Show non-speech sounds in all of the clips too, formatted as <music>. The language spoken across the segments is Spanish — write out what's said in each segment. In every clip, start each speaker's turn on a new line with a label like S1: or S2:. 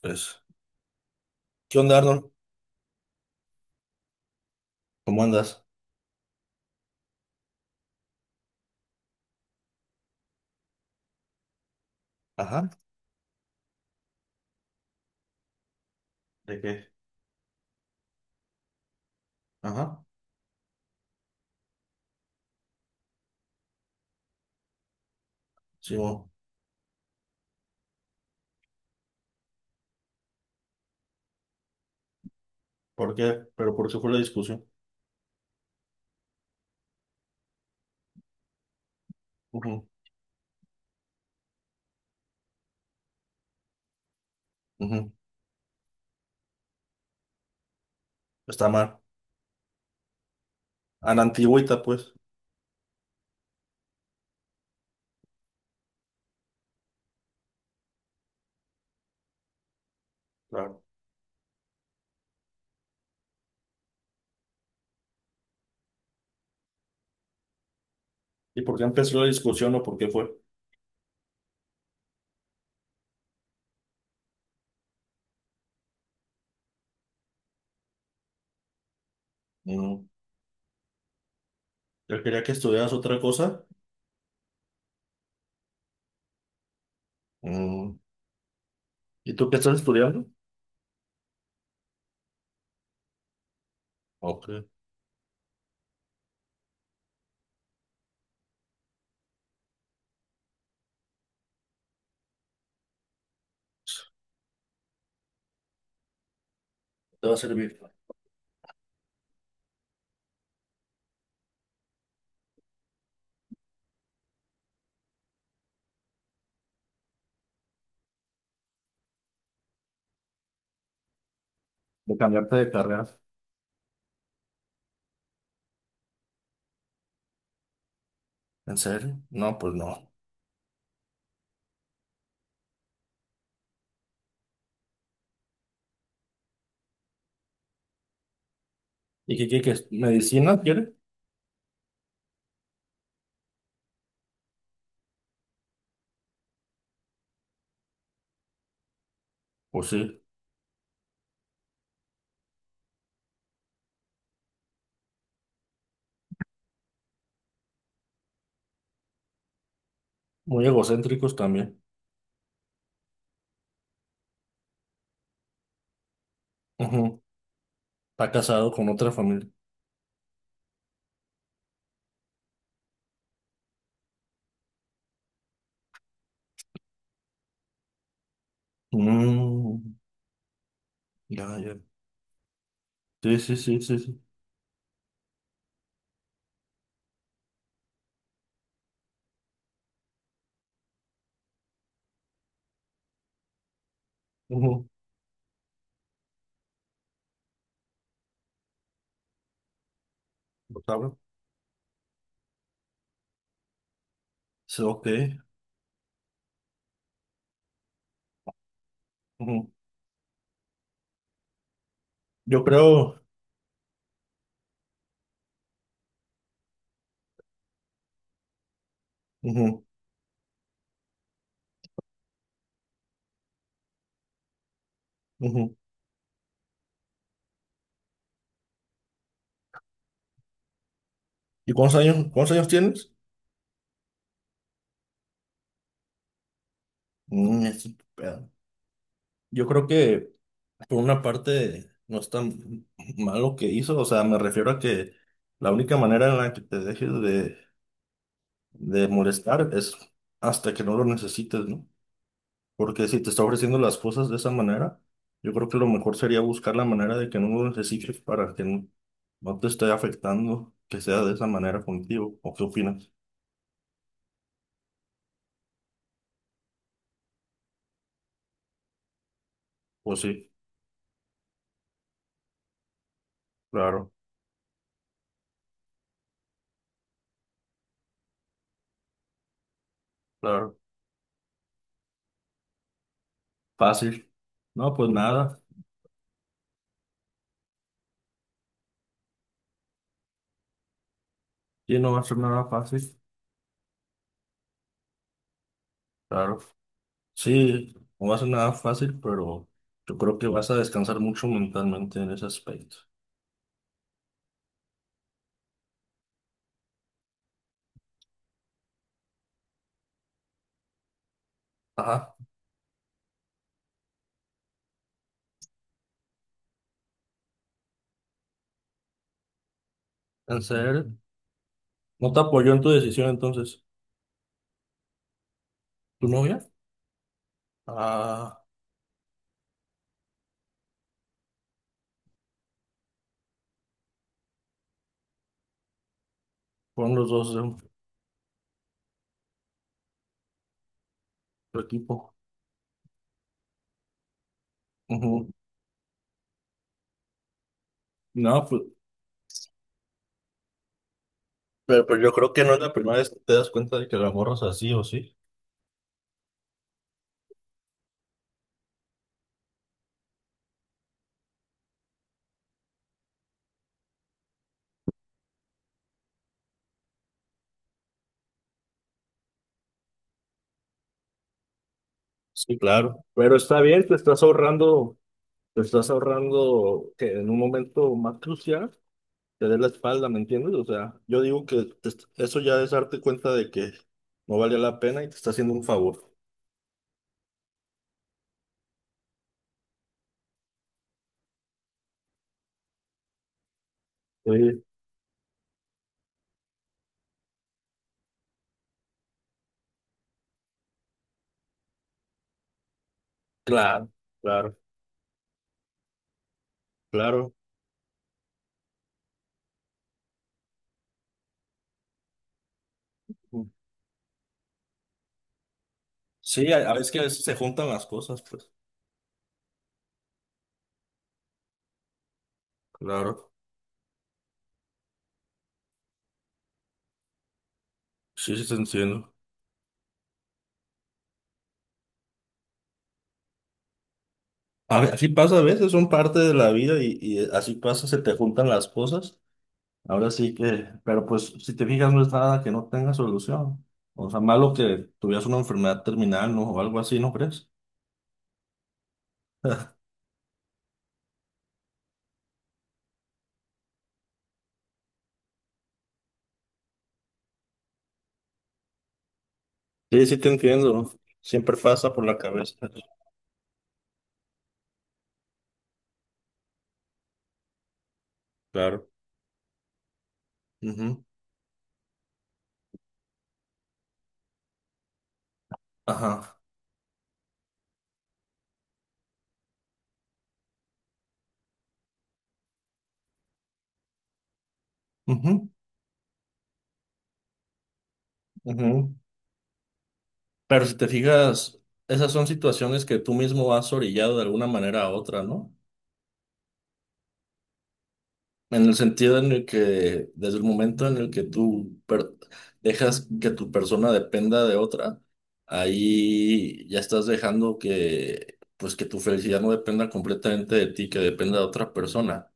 S1: Pues, ¿qué onda, Arnold? ¿Cómo andas? Ajá, ¿de qué? Ajá, sí, bueno, ¿por qué? ¿Pero por qué fue la discusión? Ujú, ujú, está mal. A la antigüita, pues. Claro. ¿Y por qué empezó la discusión o por qué fue? Mm, él quería que estudiaras otra cosa. Mm, ¿y tú qué estás estudiando? Ok. Te va a servir. De cambiarte de carrera. ¿En serio? No, pues no. ¿Y qué quiere? Que ¿Medicina quiere? Pues sí. Muy egocéntricos también. Ujú. Está casado con otra familia. Mm. Ya, ya. Sí, sí, sí, sí, sí. Ujú. Lo saben. Sí, ok. Ujú. Yo creo. Ujú, ujú. ¿Y cuántos años tienes? Mm, es un pedo. Yo creo que por una parte no es tan malo que hizo. O sea, me refiero a que la única manera en la que te dejes de molestar es hasta que no lo necesites, ¿no? Porque si te está ofreciendo las cosas de esa manera, yo creo que lo mejor sería buscar la manera de que no lo necesites para que no, no te esté afectando, que sea de esa manera contigo. ¿O qué opinas? Pues sí, claro, claro. Fácil. No, pues nada. Sí, no va a ser nada fácil. Claro. Sí, no va a ser nada fácil, pero yo creo que vas a descansar mucho mentalmente en ese aspecto. Ajá. En serio. ¿No te apoyó en tu decisión entonces? ¿Tu novia? Ah, fueron los dos de un tu equipo. Ujú. No, pues, pero, pues yo creo que no es la primera vez que te das cuenta de que la morra es así o sí. Sí, claro. Pero está bien, te estás ahorrando que en un momento más crucial te dé la espalda, ¿me entiendes? O sea, yo digo que eso ya es darte cuenta de que no valía la pena y te está haciendo un favor. Sí, claro, claro, claro. Sí, a veces que a veces se juntan las cosas, pues. Claro, sí, sí, te entiendo. Así pasa a veces, son parte de la vida y, y así pasa, se te juntan las cosas. Ahora sí que, pero pues si te fijas no es nada que no tenga solución. O sea, malo que tuvieras una enfermedad terminal, ¿no? O algo así, ¿no crees? <laughs> Sí, sí te entiendo. Siempre pasa por la cabeza. Claro. Ujú. Ajá. Ujú. Ujú. Pero si te fijas, esas son situaciones que tú mismo has orillado de alguna manera a otra, ¿no? En el sentido en el que, desde el momento en el que dejas que tu persona dependa de otra, ahí ya estás dejando que, pues que tu felicidad no dependa completamente de ti, que dependa de otra persona.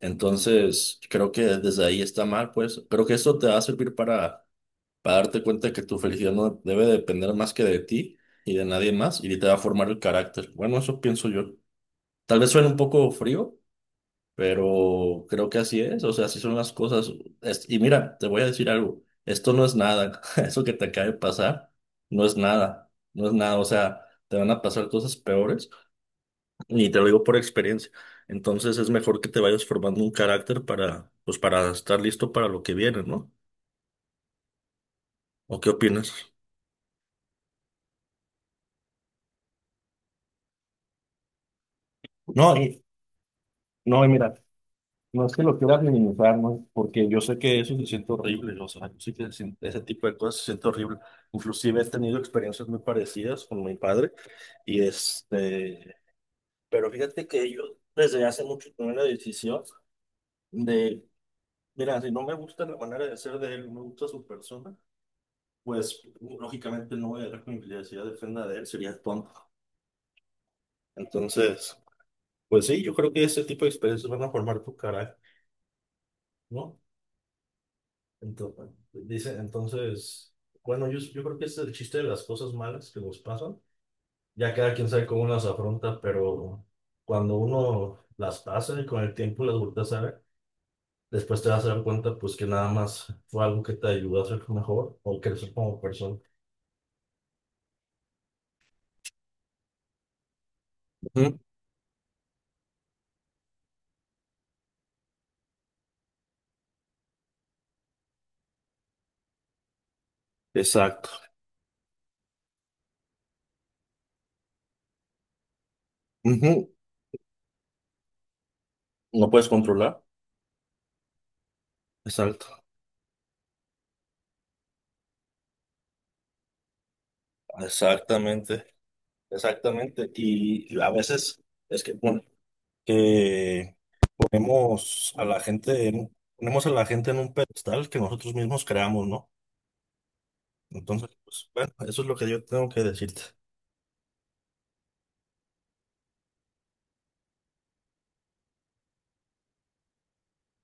S1: Entonces, creo que desde ahí está mal, pues. Creo que esto te va a servir para darte cuenta de que tu felicidad no debe depender más que de ti y de nadie más, y te va a formar el carácter. Bueno, eso pienso yo. Tal vez suene un poco frío pero creo que así es, o sea, así son las cosas. Y mira, te voy a decir algo, esto no es nada, <laughs> eso que te acaba de pasar no es nada, no es nada, o sea, te van a pasar cosas peores y te lo digo por experiencia. Entonces es mejor que te vayas formando un carácter para, pues para estar listo para lo que viene, ¿no? ¿O qué opinas? No, y, no, y mira. No es que lo quieras minimizar, ¿no? Porque yo sé que eso se siente horrible, o sea, yo sé que ese tipo de cosas se siente horrible. Inclusive he tenido experiencias muy parecidas con mi padre, y este, pero fíjate que yo desde hace mucho tomé la decisión de, mira, si no me gusta la manera de ser de él, no me gusta su persona, pues lógicamente no voy a dejar que mi felicidad dependa de él, sería tonto. Entonces, pues sí, yo creo que ese tipo de experiencias van a formar tu carácter, ¿no? Entonces, dice, entonces, bueno, yo creo que ese es el chiste de las cosas malas que nos pasan. Ya cada quien sabe cómo las afronta, pero cuando uno las pasa y con el tiempo las vueltas a ver, después te vas a dar cuenta pues que nada más fue algo que te ayudó a ser mejor o crecer como persona. Ujú, exacto. Ujú, no puedes controlar. Exacto. Exactamente. Exactamente. Y a veces es que, bueno, ponemos a la gente en, ponemos a la gente en un pedestal que nosotros mismos creamos, ¿no? Entonces, pues, bueno, eso es lo que yo tengo que decirte.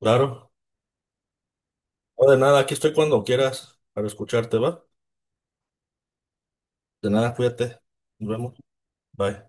S1: Claro. No, de nada, aquí estoy cuando quieras para escucharte, ¿va? De nada, cuídate. Nos vemos. Bye.